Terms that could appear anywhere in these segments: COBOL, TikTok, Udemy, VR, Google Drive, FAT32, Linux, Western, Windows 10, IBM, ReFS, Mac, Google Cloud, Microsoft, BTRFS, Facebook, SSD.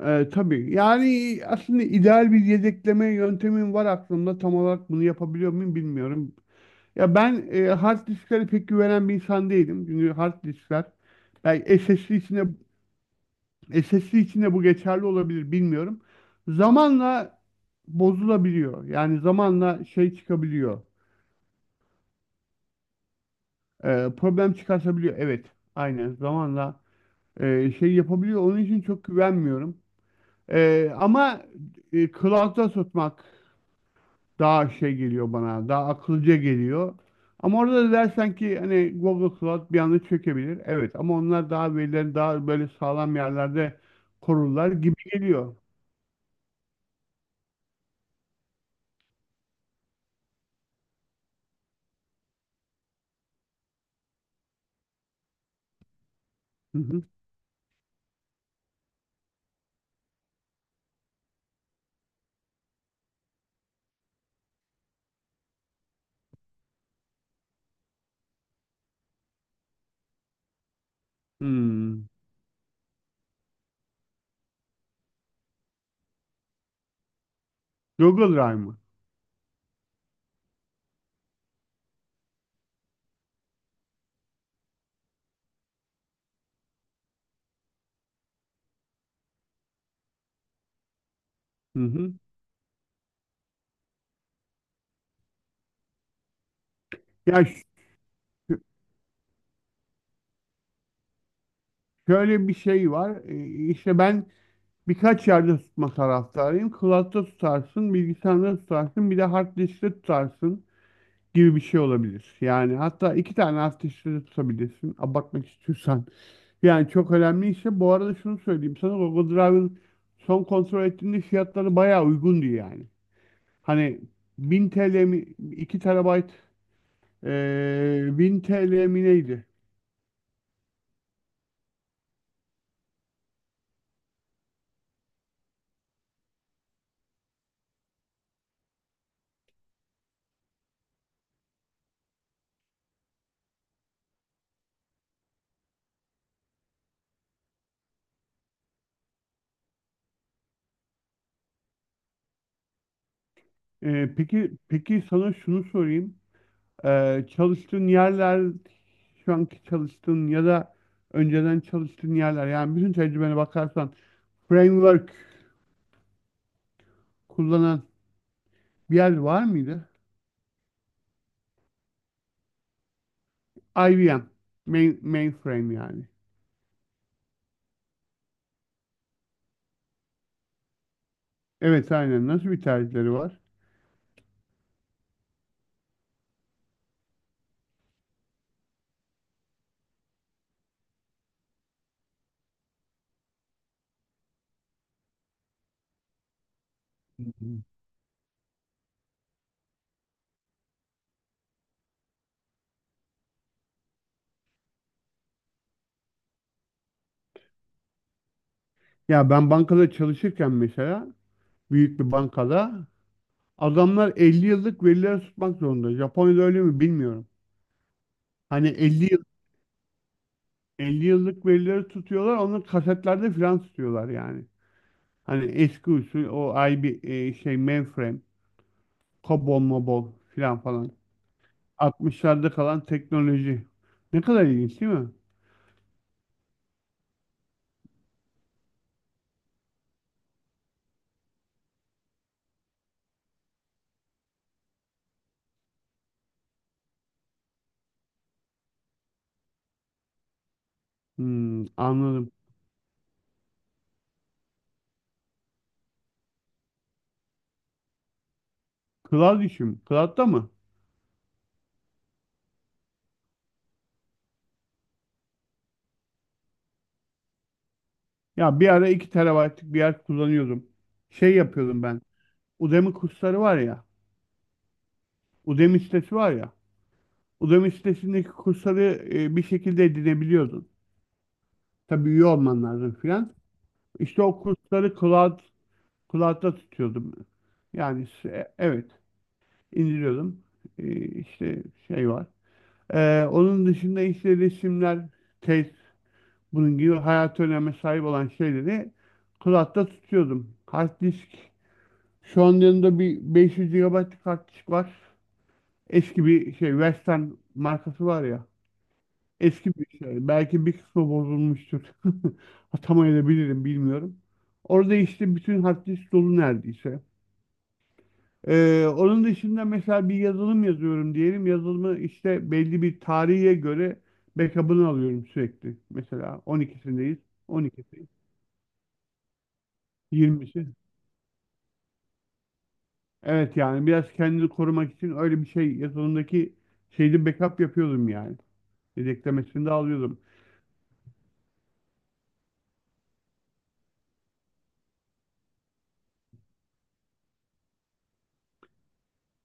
Tabii. Yani aslında ideal bir yedekleme yöntemim var aklımda. Tam olarak bunu yapabiliyor muyum bilmiyorum. Ya ben hard disklere pek güvenen bir insan değilim. Çünkü hard diskler belki SSD içinde bu geçerli olabilir bilmiyorum. Zamanla bozulabiliyor. Yani zamanla şey çıkabiliyor. Problem çıkartabiliyor. Evet. Aynen. Zamanla şey yapabiliyor. Onun için çok güvenmiyorum. Ama cloud'da tutmak daha şey geliyor bana, daha akılcı geliyor. Ama orada da dersen ki hani Google Cloud bir anda çökebilir. Evet ama onlar daha verilerini daha böyle sağlam yerlerde korurlar gibi geliyor. Hı hı. Hmm. Google Drive mı? Hı hı. Ya şöyle bir şey var. İşte ben birkaç yerde tutma taraftarıyım. Cloud'da tutarsın, bilgisayarda tutarsın, bir de hard diskte tutarsın gibi bir şey olabilir. Yani hatta iki tane hard diskte de tutabilirsin abartmak istiyorsan. Yani çok önemli işte. Bu arada şunu söyleyeyim sana, Google Drive'ın son kontrol ettiğinde fiyatları bayağı uygundu yani. Hani 1000 TL mi, 2 terabayt, 1000 TL mi neydi? Peki peki sana şunu sorayım. Çalıştığın yerler, şu anki çalıştığın ya da önceden çalıştığın yerler, yani bütün tecrübene bakarsan framework kullanan bir yer var mıydı? IBM, mainframe yani. Evet aynen. Nasıl bir tercihleri var? Hı hı. Ya ben bankada çalışırken mesela, büyük bir bankada, adamlar 50 yıllık verileri tutmak zorunda. Japonya'da öyle mi bilmiyorum. Hani 50 yıllık verileri tutuyorlar, onu kasetlerde filan tutuyorlar yani. Hani eski usul, o IB e, şey mainframe, COBOL, MOBOL filan falan. 60'larda kalan teknoloji. Ne kadar ilginç değil mi? Hmm, anladım. Cloud işim. Cloud'da mı? Ya bir ara 2 terabaytlık bir yer kullanıyordum. Şey yapıyordum ben. Udemy kursları var ya. Udemy sitesi var ya. Udemy sitesindeki kursları bir şekilde edinebiliyordun. Tabii üye olman lazım filan. İşte o kursları cloud'da tutuyordum. Yani evet, indiriyordum. İşte şey var. Onun dışında işte resimler, tez, bunun gibi hayat öneme sahip olan şeyleri cloud'da tutuyordum. Hard disk Şu an yanında bir 500 GB kart var. Eski bir şey, Western markası var ya. Eski bir şey. Belki bir kısmı bozulmuştur. Atamayabilirim, bilmiyorum. Orada işte bütün hard disk dolu neredeyse. Onun dışında mesela bir yazılım yazıyorum diyelim. Yazılımı işte belli bir tarihe göre backup'ını alıyorum sürekli. Mesela 12'sindeyiz. 12'si. 20'si. Evet, yani biraz kendini korumak için öyle bir şey yazılımdaki şeyde backup yapıyordum yani. Yedeklemesini de alıyordum.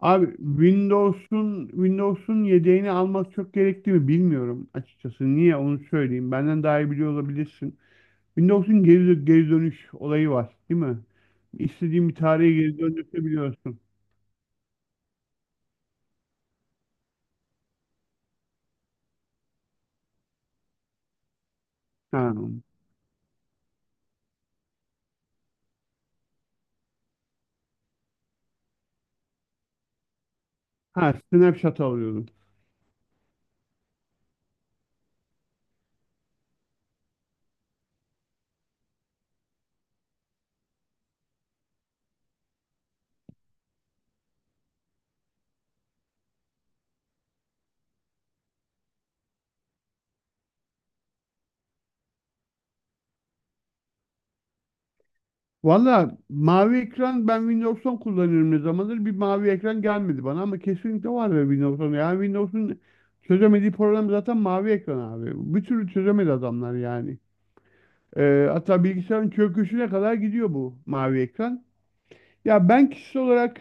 Abi, Windows'un yedeğini almak çok gerekli mi bilmiyorum açıkçası. Niye onu söyleyeyim. Benden daha iyi biliyor olabilirsin. Windows'un geri dönüş olayı var, değil mi? İstediğin bir tarihe geri döndürebiliyorsun. Ha. Ha, snapshot alıyordum. Valla mavi ekran, ben Windows 10 kullanıyorum ne zamandır. Bir mavi ekran gelmedi bana, ama kesinlikle var ya Windows 10. Yani Windows'un çözemediği problem zaten mavi ekran abi. Bir türlü çözemedi adamlar yani. Hatta bilgisayarın çöküşüne kadar gidiyor bu mavi ekran. Ya ben kişisel olarak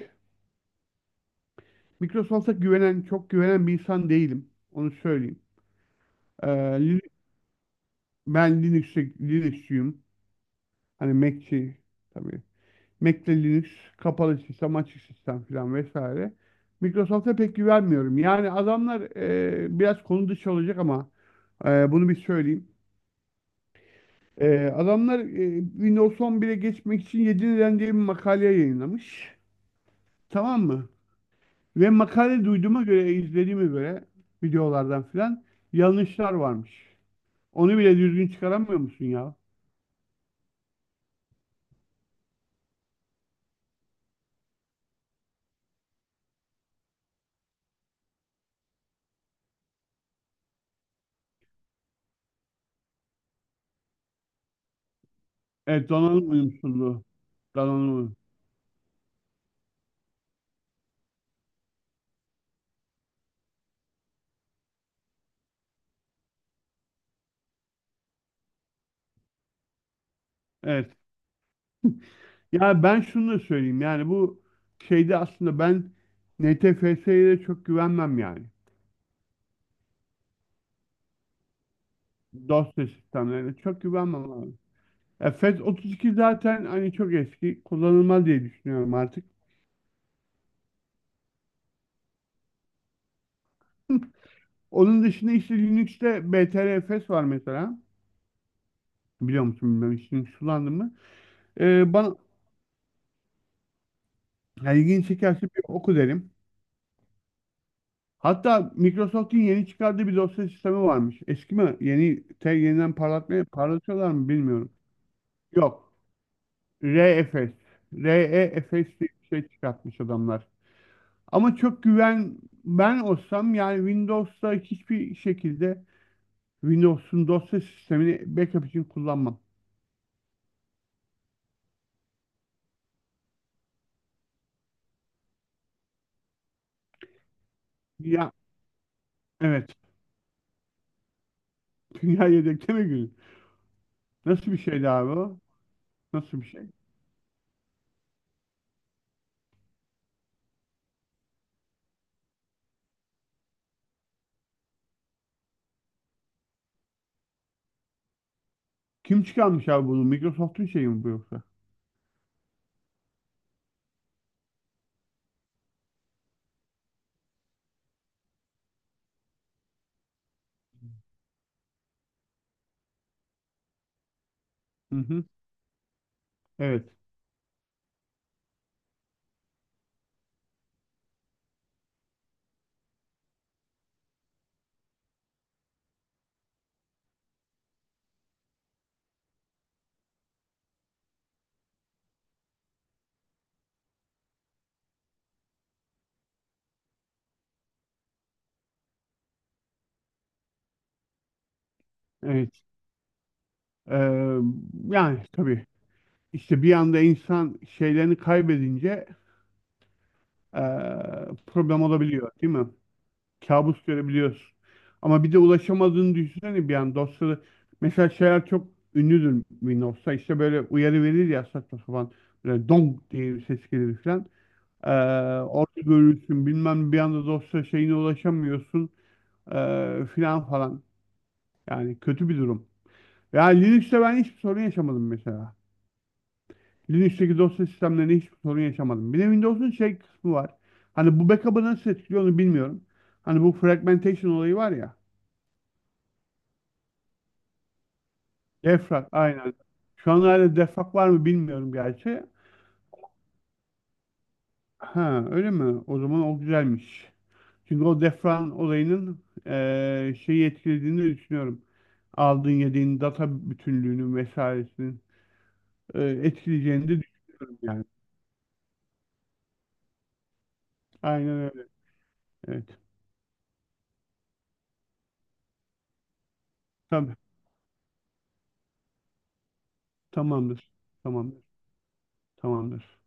Microsoft'a güvenen, çok güvenen bir insan değilim. Onu söyleyeyim. Ee, Lin- ben Linux'çuyum. Hani Mac'çi tabii. Mac'le Linux, kapalı sistem, açık sistem falan vesaire. Microsoft'a pek güvenmiyorum. Yani adamlar biraz konu dışı olacak ama bunu bir söyleyeyim. Adamlar Windows 11'e geçmek için 7 neden diye bir makale yayınlamış. Tamam mı? Ve makale, duyduğuma göre, izlediğime göre, videolardan filan, yanlışlar varmış. Onu bile düzgün çıkaramıyor musun ya? Evet, donanım uyumsuzluğu. Donanım. uyum- Evet. Ya ben şunu da söyleyeyim. Yani bu şeyde aslında ben NTFS'ye de çok güvenmem yani. Dosya sistemlerine çok güvenmem abi. Ya FET 32 zaten hani çok eski. Kullanılmaz diye düşünüyorum artık. Onun dışında işte Linux'te BTRFS var mesela. Biliyor musun bilmem, hiç Linux kullandın mı? Bana yani ilgini çekerse bir oku derim. Hatta Microsoft'un yeni çıkardığı bir dosya sistemi varmış. Eski mi? Yeniden parlatıyorlar mı bilmiyorum. Yok. ReFS, REFS diye bir şey çıkartmış adamlar. Ama çok güven ben olsam yani Windows'ta hiçbir şekilde Windows'un dosya sistemini backup için kullanmam. Ya evet. Dünya yedekleme günü. Nasıl bir şeydi abi o? Nasıl bir şey? Kim çıkarmış abi bunu? Microsoft'un şeyi mi bu yoksa? Hı hı. Evet, evet. Ee, yani tabii işte bir anda insan şeylerini kaybedince ee, problem olabiliyor, değil mi? Kabus görebiliyorsun. Ama bir de ulaşamadığını düşünsene bir an dosyaları. Mesela şeyler çok ünlüdür Windows'ta. İşte böyle uyarı verir ya saçma sapan. Böyle dong diye bir ses gelir falan. Ee, orada görürsün bilmem, bir anda dosya şeyine ulaşamıyorsun filan falan. Yani kötü bir durum. Yani Linux'te ben hiçbir sorun yaşamadım mesela. Linux'teki dosya sistemlerinde hiçbir sorun yaşamadım. Bir de Windows'un şey kısmı var. Hani bu backup'ı nasıl etkiliyor onu bilmiyorum. Hani bu fragmentation olayı var ya. Defrag, aynen. Şu an hala defrag var mı bilmiyorum gerçi. Ha, öyle mi? O zaman o güzelmiş. Çünkü o defrag olayının şeyi etkilediğini düşünüyorum. Aldığın yediğin data bütünlüğünün vesairesinin etkileyeceğini de düşünüyorum yani. Aynen öyle. Evet. Tamam. Tamamdır. Tamamdır. Tamamdır.